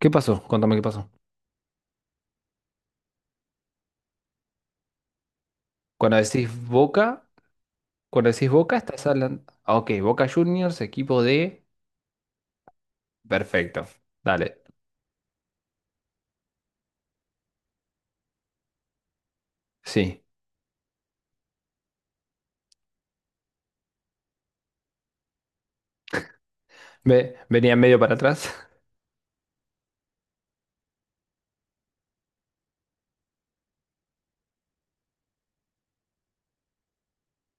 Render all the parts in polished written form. ¿Qué pasó? Contame qué pasó. Cuando decís Boca, cuando decís Boca, estás hablando. Ah, Ok, Boca Juniors, equipo de. Perfecto. Dale. Sí. Venía medio para atrás.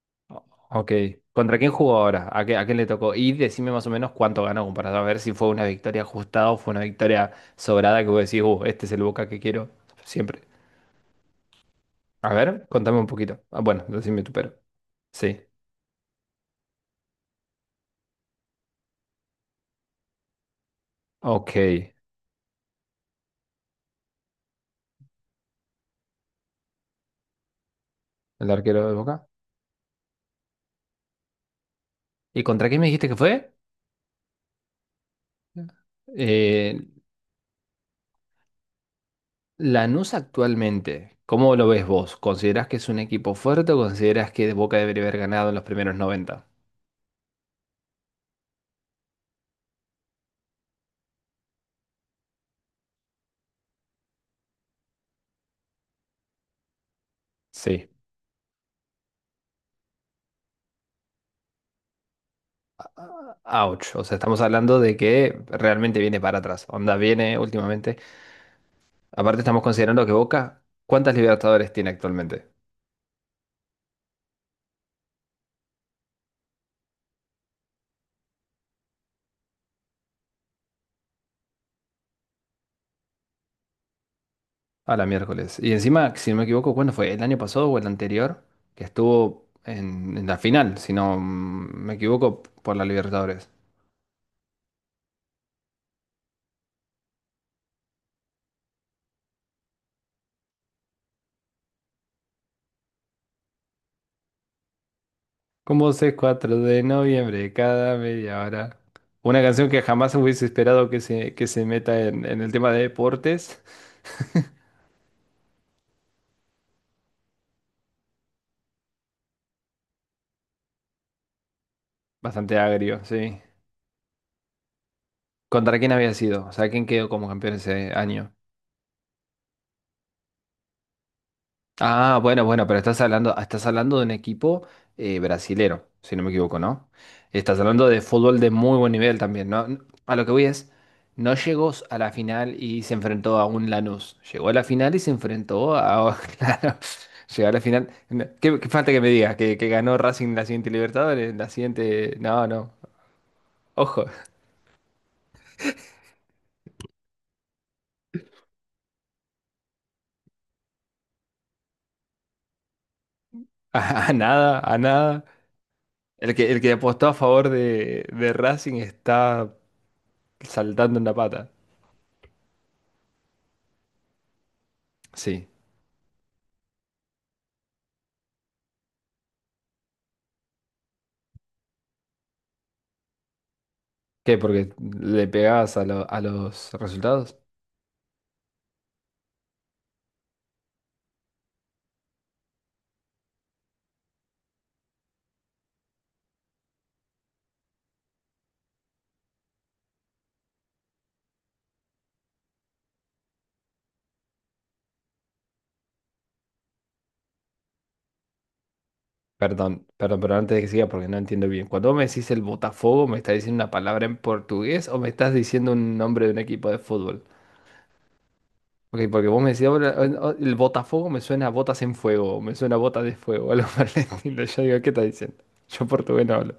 Ok. ¿Contra quién jugó ahora? ¿A qué, a quién le tocó? Y decime más o menos cuánto ganó para saber si fue una victoria ajustada o fue una victoria sobrada que vos decís, este es el Boca que quiero siempre. A ver, contame un poquito. Ah, bueno, decime tú, pero. Sí. Ok. El arquero de Boca. ¿Y contra quién me dijiste que fue? Eh, Lanús actualmente, ¿cómo lo ves vos? ¿Considerás que es un equipo fuerte o considerás que Boca debería haber ganado en los primeros 90? Sí. Ouch, o sea, estamos hablando de que realmente viene para atrás. Onda viene últimamente. Aparte estamos considerando que Boca, ¿cuántas Libertadores tiene actualmente? A la miércoles. Y encima, si no me equivoco, ¿cuándo fue? ¿El año pasado o el anterior? Que estuvo en la final, si no me equivoco, por la Libertadores. Como sé 4 de noviembre cada media hora. Una canción que jamás hubiese esperado que se meta en el tema de deportes. Bastante agrio, sí. ¿Contra quién había sido? O sea, ¿quién quedó como campeón ese año? Ah, bueno, bueno, pero estás hablando de un equipo brasilero, si no me equivoco, ¿no? Estás hablando de fútbol de muy buen nivel también, ¿no? A lo que voy es, no llegó a la final y se enfrentó a un Lanús. Llegó a la final y se enfrentó a... Claro, llegó a la final. No, ¿qué, qué falta que me digas? Que ganó Racing la siguiente Libertadores? La siguiente... No, no. Ojo. A, a nada, a nada. El que apostó a favor de Racing está saltando en la pata. Sí. ¿Qué? ¿Porque le pegabas a, a los resultados? Perdón, perdón, pero antes de que siga, porque no entiendo bien. Cuando vos me decís el Botafogo, ¿me estás diciendo una palabra en portugués o me estás diciendo un nombre de un equipo de fútbol? Ok, porque vos me decís: "Ahora, oh, el Botafogo me suena a botas en fuego, o me suena a botas de fuego", algo por el estilo. Yo digo, ¿qué estás diciendo? Yo portugués no hablo.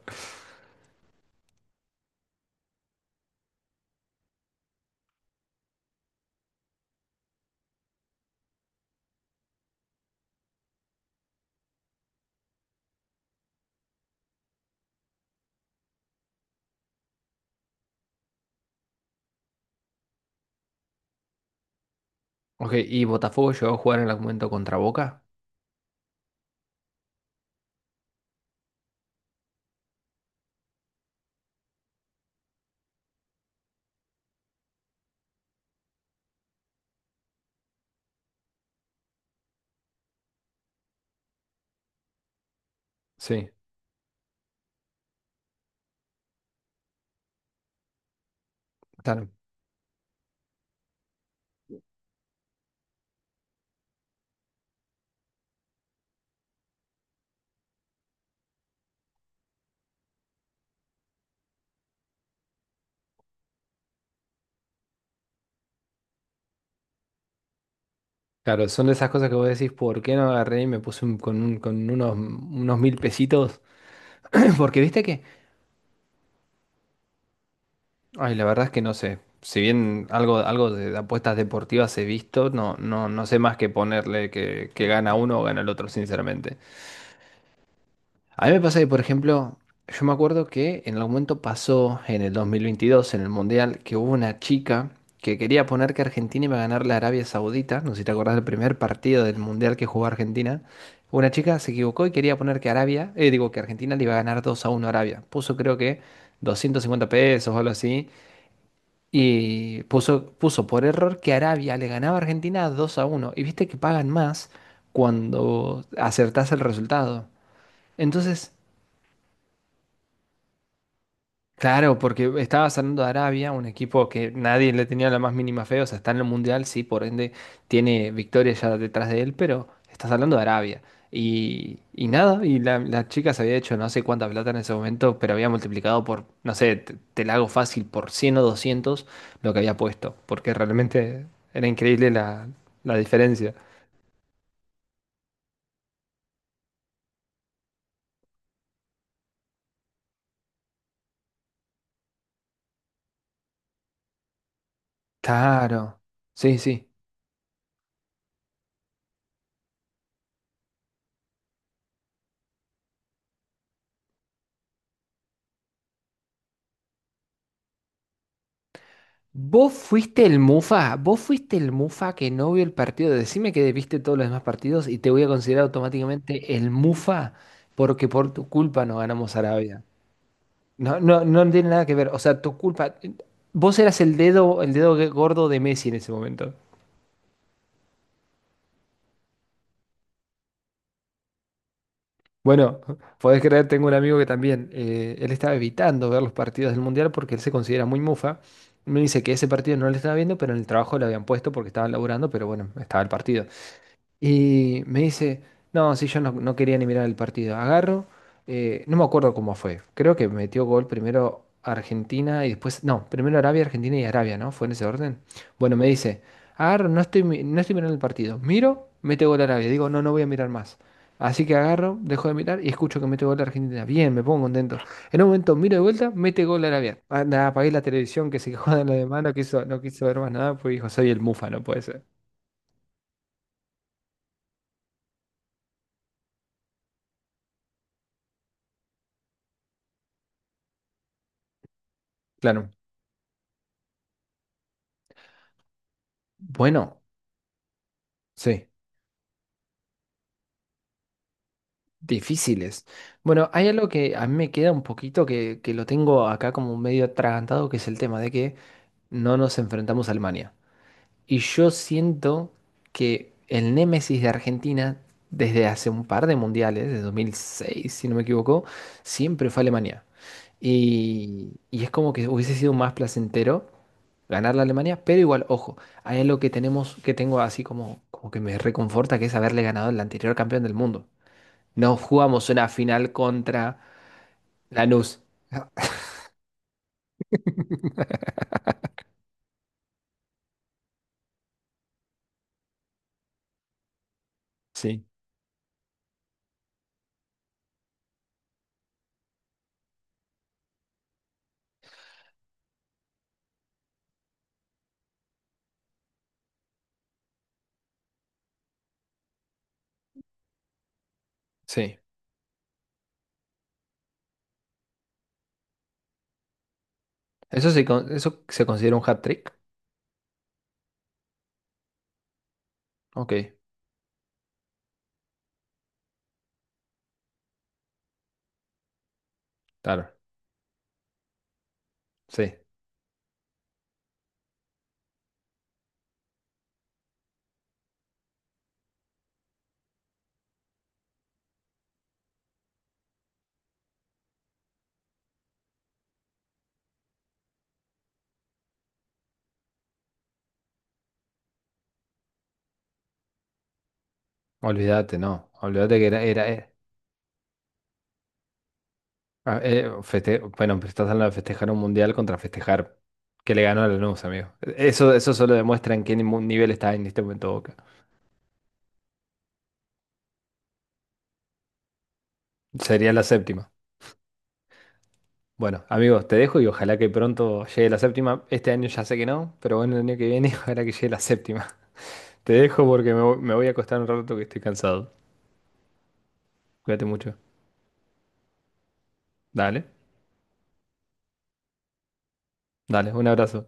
Ok, ¿y Botafogo llegó a jugar en algún momento contra Boca? Sí, claro. Claro, son de esas cosas que vos decís, ¿por qué no agarré y me puse con unos mil pesitos? Porque viste que ay, la verdad es que no sé. Si bien algo, algo de apuestas deportivas he visto, no, no, no sé más que ponerle que gana uno o gana el otro, sinceramente. A mí me pasa que, por ejemplo, yo me acuerdo que en algún momento pasó en el 2022, en el Mundial, que hubo una chica que quería poner que Argentina iba a ganar la Arabia Saudita. No sé si te acordás del primer partido del Mundial que jugó Argentina. Una chica se equivocó y quería poner que Arabia, digo, que Argentina le iba a ganar 2 a 1 a Arabia. Puso creo que $250 o algo así. Y puso, puso por error que Arabia le ganaba a Argentina 2-1. Y viste que pagan más cuando acertás el resultado. Entonces, claro, porque estaba saliendo de Arabia, un equipo que nadie le tenía la más mínima fe, o sea, está en el Mundial, sí, por ende tiene victorias ya detrás de él, pero estás hablando de Arabia. Y nada, y la chica se había hecho no sé cuánta plata en ese momento, pero había multiplicado por, no sé, te la hago fácil, por 100 o 200 lo que había puesto, porque realmente era increíble la diferencia. Claro, sí, sí. Vos fuiste el mufa, vos fuiste el mufa que no vio el partido. Decime que viste todos los demás partidos y te voy a considerar automáticamente el mufa porque por tu culpa no ganamos Arabia. No, no, no tiene nada que ver. O sea, tu culpa. Vos eras el dedo gordo de Messi en ese momento. Bueno, podés creer, tengo un amigo que también, él estaba evitando ver los partidos del Mundial porque él se considera muy mufa. Me dice que ese partido no lo estaba viendo, pero en el trabajo lo habían puesto porque estaban laburando, pero bueno, estaba el partido. Y me dice, no, sí, yo no quería ni mirar el partido. Agarro, no me acuerdo cómo fue. Creo que metió gol primero Argentina y después, no, primero Arabia, Argentina y Arabia, ¿no? Fue en ese orden. Bueno, me dice, agarro, no estoy, no estoy mirando el partido. Miro, mete gol Arabia. Digo, no, no voy a mirar más. Así que agarro, dejo de mirar y escucho que mete gol Argentina. Bien, me pongo contento. En un momento miro de vuelta, mete gol Arabia. Ah, nada, apagué la televisión, que se quejó de lo demás, no quiso, no quiso ver más nada, pues dijo, soy el Mufa, no puede ser. Claro. Bueno, sí. Difíciles. Bueno, hay algo que a mí me queda un poquito que lo tengo acá como medio atragantado, que es el tema de que no nos enfrentamos a Alemania. Y yo siento que el némesis de Argentina, desde hace un par de mundiales, de 2006, si no me equivoco, siempre fue Alemania. Y es como que hubiese sido más placentero ganar la Alemania, pero igual, ojo, hay algo que tenemos, que tengo así como, como que me reconforta, que es haberle ganado al anterior campeón del mundo. No jugamos una final contra Lanús. Sí, sí. ¿Eso se, eso se considera un hat-trick? Ok, claro. Sí. Olvídate, no. Olvídate que era... era ah, bueno, pues estás hablando de festejar un mundial contra festejar que le ganó a Lanús, amigo. Eso solo demuestra en qué nivel está en este momento Boca. Sería la séptima. Bueno, amigos, te dejo y ojalá que pronto llegue la séptima. Este año ya sé que no, pero bueno, el año que viene ojalá que llegue la séptima. Te dejo porque me, me voy a acostar un rato que estoy cansado. Cuídate mucho. Dale, dale, un abrazo.